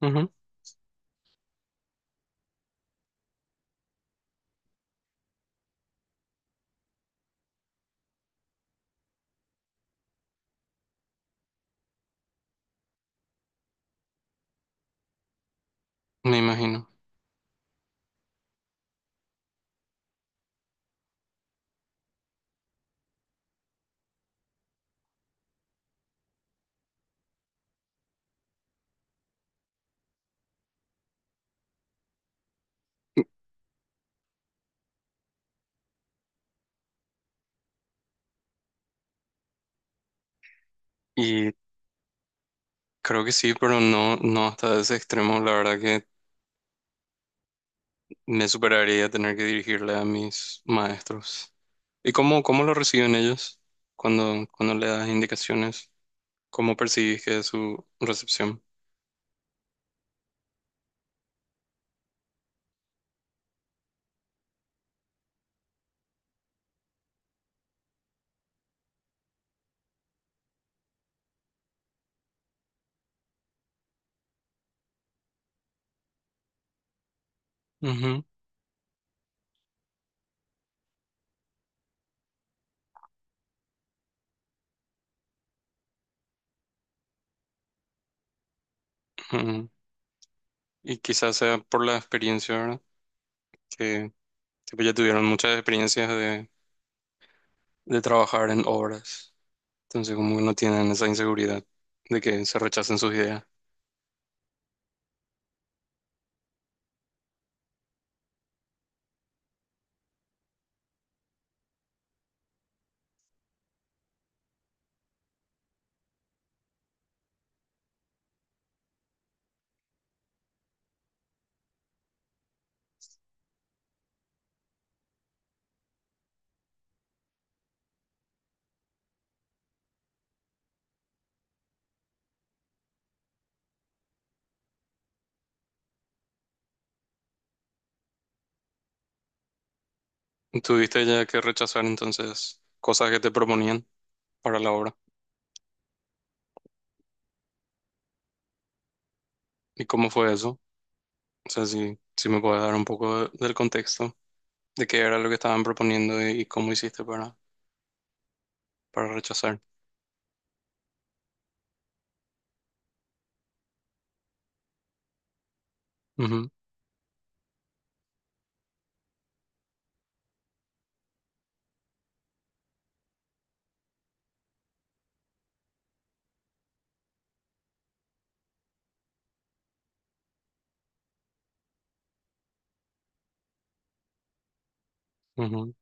Ujú. Me imagino. Y creo que sí, pero no, no hasta ese extremo. La verdad que me superaría tener que dirigirle a mis maestros. ¿Y cómo lo reciben ellos cuando le das indicaciones? ¿Cómo percibís que es su recepción? Ujú, ujú. Y quizás sea por la experiencia, ¿verdad? Que tipo, ya tuvieron muchas experiencias de trabajar en obras. Entonces como que no tienen esa inseguridad de que se rechacen sus ideas. ¿Tuviste ya que rechazar entonces cosas que te proponían para la obra? ¿Y cómo fue eso? O sea, si me puedes dar un poco del contexto de qué era lo que estaban proponiendo y cómo hiciste para rechazar. Ujú, ujú,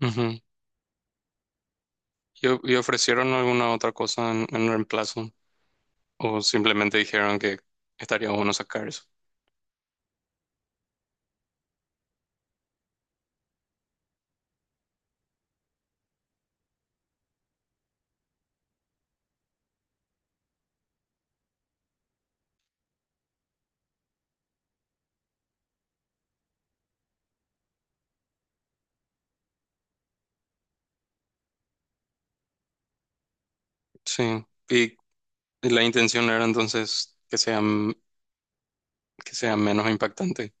ujú. ¿Y, y ofrecieron alguna otra cosa en reemplazo? ¿O simplemente dijeron que estaría bueno sacar eso? Sí. Y la intención era entonces que sea, que sea menos impactante.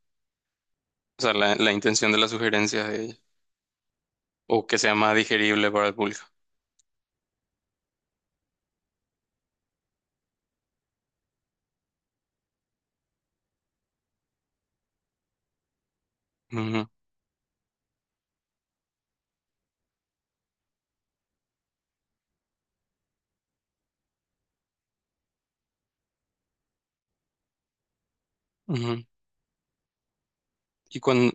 O sea, la intención de la sugerencia de ella. O que sea más digerible para el público. Ujú, ujú. Y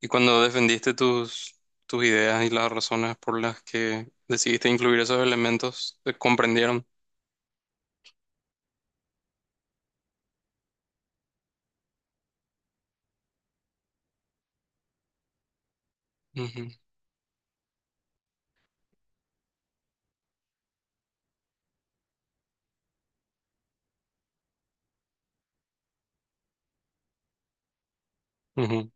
y cuando defendiste tus ideas y las razones por las que decidiste incluir esos elementos, te comprendieron. Ujú, ujú.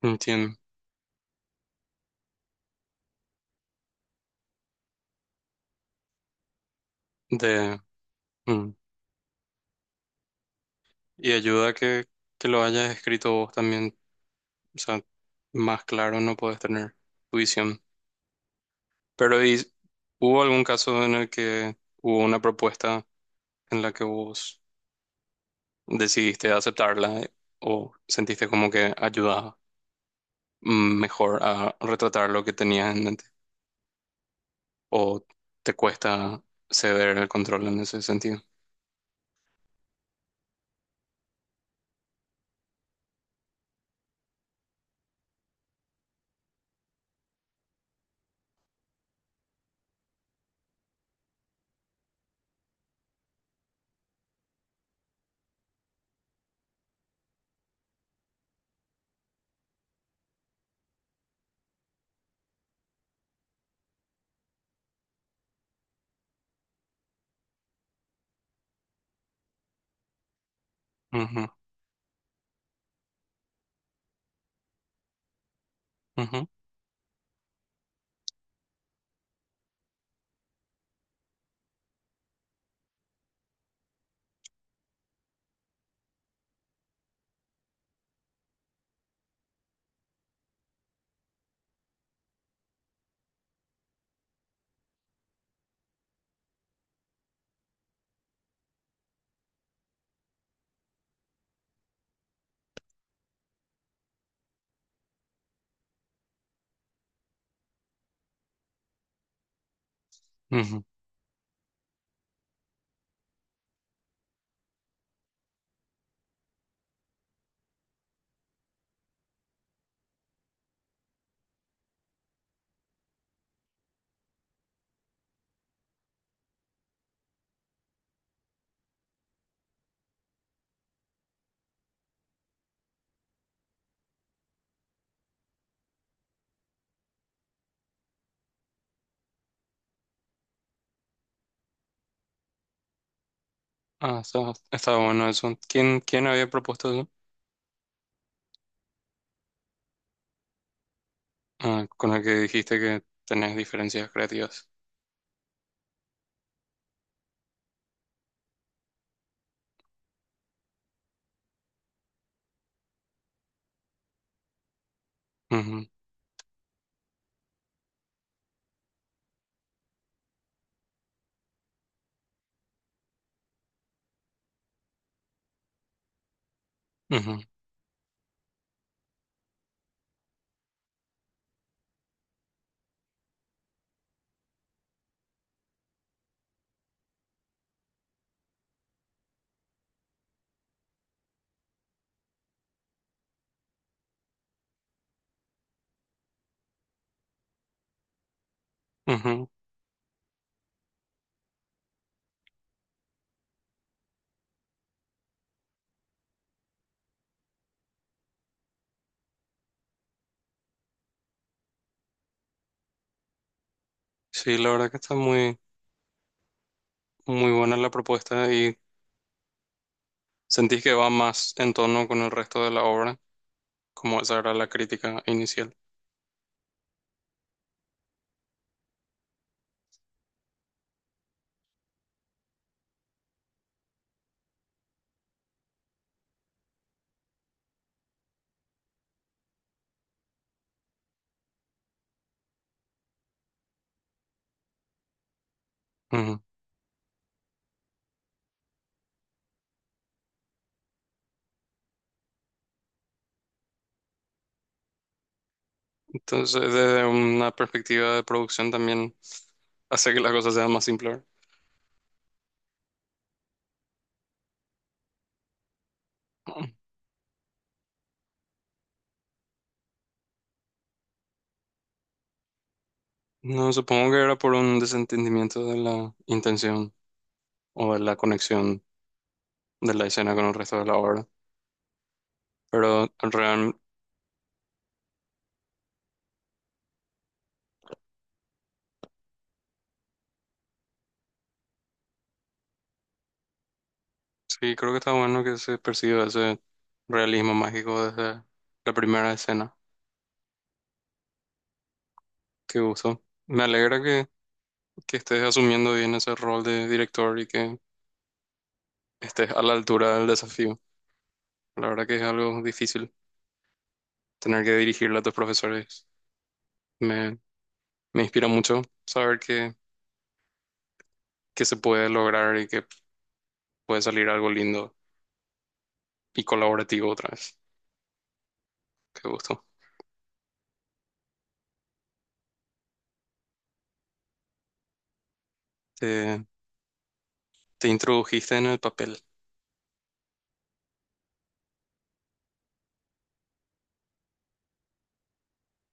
Entiendo. De, mm. Y ayuda que lo hayas escrito vos también. O sea, más claro no podés tener tu visión. Pero ¿y hubo algún caso en el que hubo una propuesta en la que vos decidiste aceptarla, o sentiste como que ayudaba? Mm, ¿mejor a retratar lo que tenías en mente? ¿O te cuesta ceder el control en ese sentido? Ujú, ujú, ujú. Ah, está bueno eso. ¿Quién había propuesto eso? Ah, con el que dijiste que tenés diferencias creativas. Ujú, ujú, ujú. Sí, la verdad que está muy buena la propuesta y sentís que va más en tono con el resto de la obra, como esa era la crítica inicial. Ujú. Entonces, desde una perspectiva de producción también hace que las cosas sean más simples. No, supongo que era por un desentendimiento de la intención o de la conexión de la escena con el resto de la obra. Pero realmente sí, creo que está bueno que se perciba ese realismo mágico desde la primera escena que usó. Me alegra que estés asumiendo bien ese rol de director y que estés a la altura del desafío. La verdad que es algo difícil tener que dirigirle a tus profesores. Me, me inspira mucho saber que se puede lograr y que puede salir algo lindo y colaborativo otra vez. Qué gusto. Te, te introdujiste en el papel.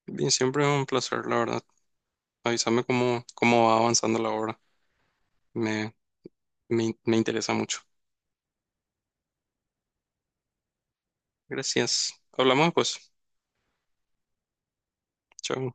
Bien, siempre es un placer, la verdad. Avísame cómo va avanzando la obra. Me, me interesa mucho. Gracias. Hablamos pues. Chao.